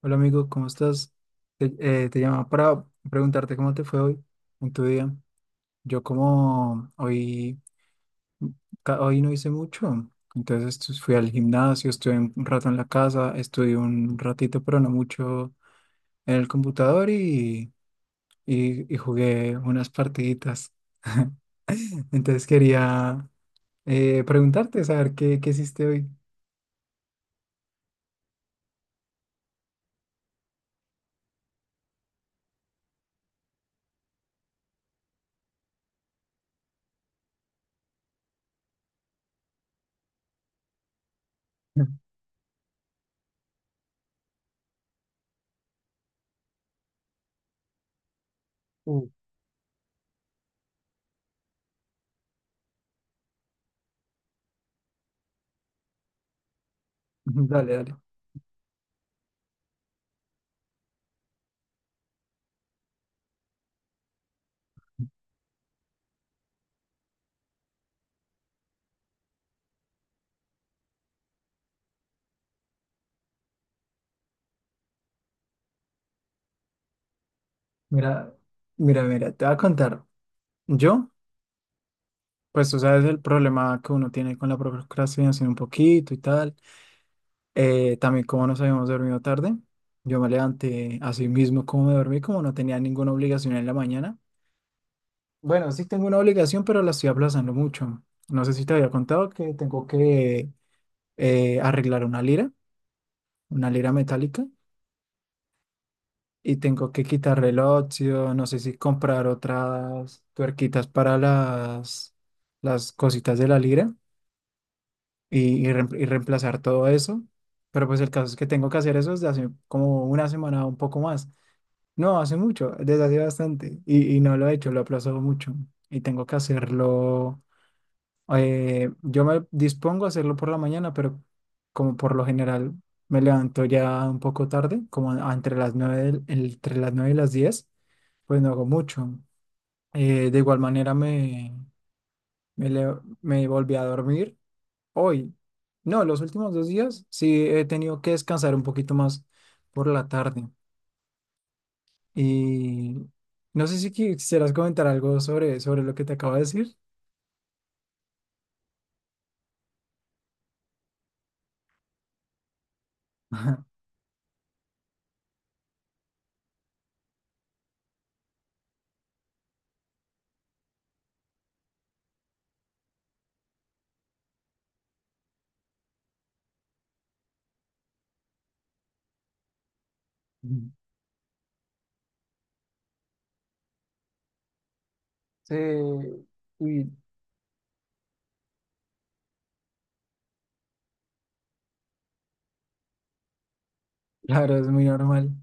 Hola amigo, ¿cómo estás? Te, te llamaba para preguntarte cómo te fue hoy en tu día. Yo como hoy, hoy no hice mucho, entonces fui al gimnasio, estuve un rato en la casa, estudié un ratito, pero no mucho en el computador y jugué unas partiditas. Entonces quería preguntarte, saber qué hiciste hoy. Uh, dale, dale. Mira, mira, mira, te voy a contar. Yo... Pues tú sabes el problema que uno tiene con la procrastinación un poquito y tal. También como nos habíamos dormido tarde, yo me levanté así mismo como me dormí, como no tenía ninguna obligación en la mañana. Bueno, sí tengo una obligación, pero la estoy aplazando mucho. No sé si te había contado que tengo que arreglar una lira metálica, y tengo que quitarle el óxido, no sé si comprar otras tuerquitas para las cositas de la lira. Y reemplazar todo eso. Pero pues el caso es que tengo que hacer eso desde hace como una semana o un poco más. No, hace mucho, desde hace bastante. Y no lo he hecho, lo he aplazado mucho. Y tengo que hacerlo. Yo me dispongo a hacerlo por la mañana, pero como por lo general me levanto ya un poco tarde, entre las entre las 9 y las 10 pues no hago mucho. De igual manera me volví a dormir. Hoy, no, los últimos dos días sí he tenido que descansar un poquito más por la tarde. Y no sé si quisieras comentar algo sobre lo que te acabo de decir. Sí, uy, claro, es muy normal.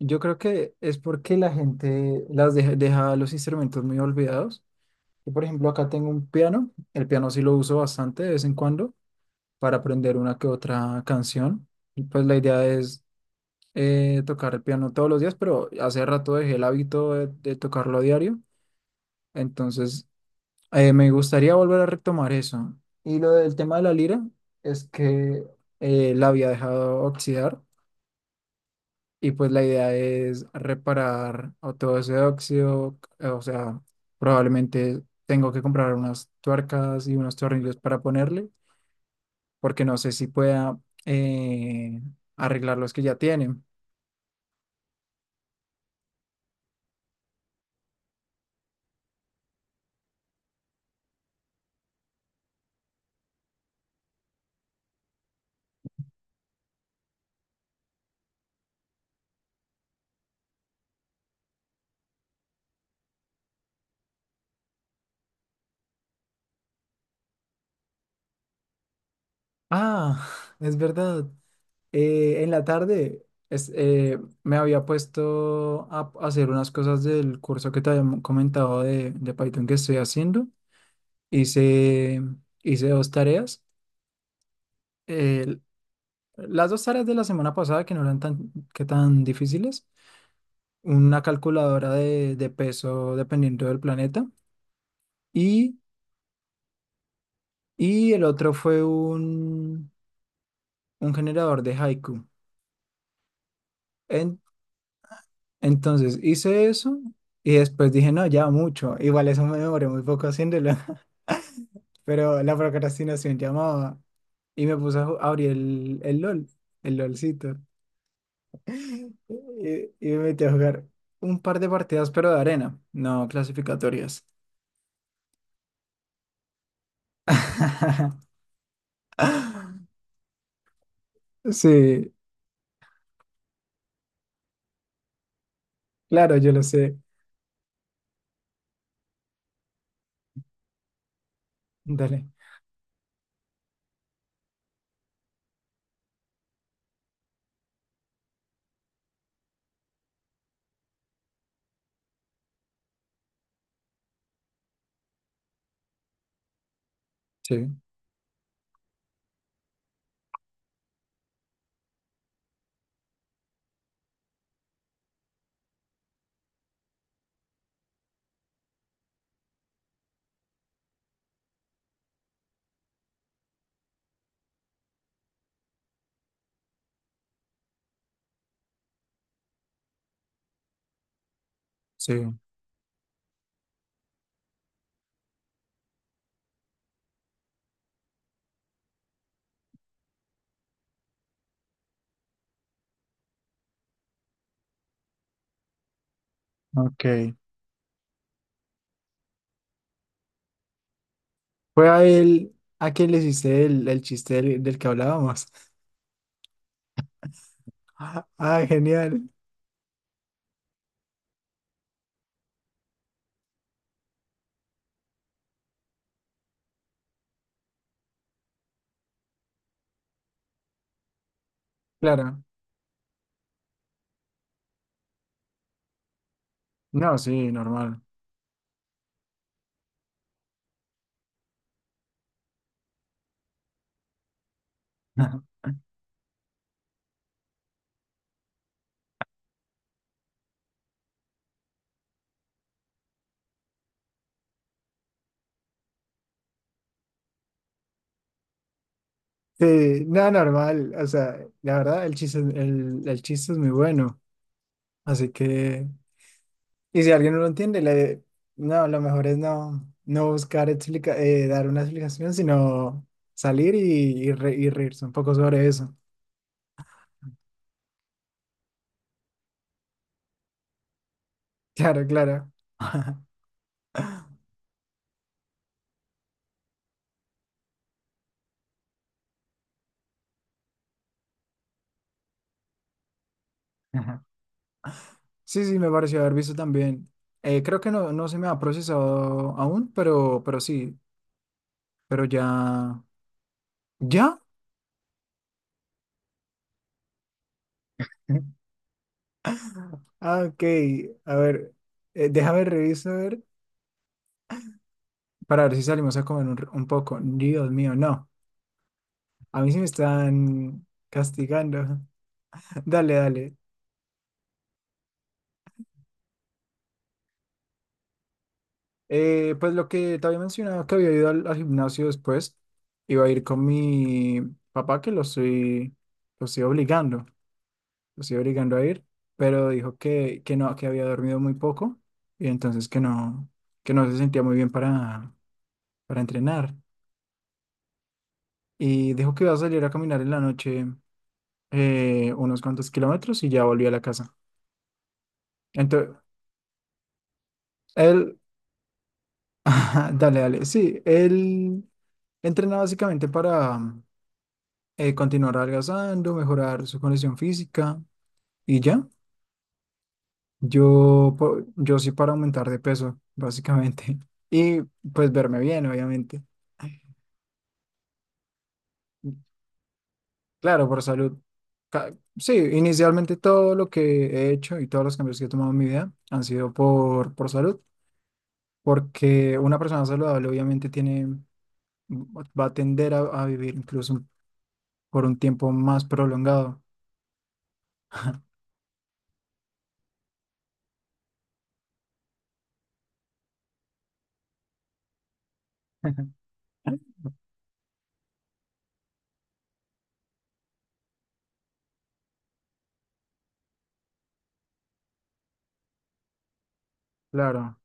Yo creo que es porque la gente deja los instrumentos muy olvidados. Yo, por ejemplo, acá tengo un piano. El piano sí lo uso bastante de vez en cuando para aprender una que otra canción. Y pues la idea es tocar el piano todos los días, pero hace rato dejé el hábito de tocarlo a diario. Entonces, me gustaría volver a retomar eso. Y lo del tema de la lira es que la había dejado oxidar y pues la idea es reparar o todo ese óxido. O sea, probablemente tengo que comprar unas tuercas y unos tornillos para ponerle, porque no sé si pueda eh, arreglar los que ya tienen. Ah, es verdad. En la tarde me había puesto hacer unas cosas del curso que te había comentado de Python que estoy haciendo. Hice, hice dos tareas. eh, las dos tareas de la semana pasada que no eran que tan difíciles. Una calculadora de peso dependiendo del planeta. Y, y el otro fue un generador de haiku. Entonces hice eso y después dije, no, ya mucho. Igual eso me demoré muy poco haciéndolo, pero la procrastinación llamaba y me puse a abrir el LOL, el LOLcito. Y me metí a jugar un par de partidas, pero de arena, no clasificatorias. Sí, claro, yo lo sé. Dale. Sí, sí, ok. Fue a él, a quien le hiciste el chiste del que hablábamos. Ah, genial. Claro. No, sí, normal. Sí, no, normal. O sea, la verdad, el chiste es muy bueno. Así que, y si alguien no lo entiende, le, no, lo mejor es no buscar dar una explicación, sino salir y reírse un poco sobre eso. Claro, claro. Ajá. Sí, sí, me pareció haber visto también. Creo que no, no se me ha procesado aún, pero sí, pero ya, ya. Ah, ok. A ver, déjame revisar a ver, para ver si salimos a comer un poco. Dios mío, no. A mí sí me están castigando. Dale, dale. Pues lo que te había mencionado, que había ido al gimnasio después, iba a ir con mi papá, que lo estoy obligando, lo estoy obligando a ir, pero dijo que no, que había dormido muy poco y entonces que no se sentía muy bien para entrenar. Y dijo que iba a salir a caminar en la noche unos cuantos kilómetros y ya volví a la casa. Entonces, él, ajá, dale, dale, sí, él entrena básicamente para continuar adelgazando, mejorar su condición física y ya. Yo sí para aumentar de peso, básicamente. Y pues verme bien, obviamente. Claro, por salud. Sí, inicialmente todo lo que he hecho y todos los cambios que he tomado en mi vida han sido por salud, porque una persona saludable obviamente tiene va va a tender a vivir incluso por un tiempo más prolongado. Claro.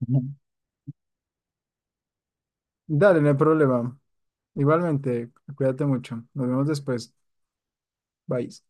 Ujú. Dale, no hay problema. Igualmente, cuídate mucho. Nos vemos después. Bye.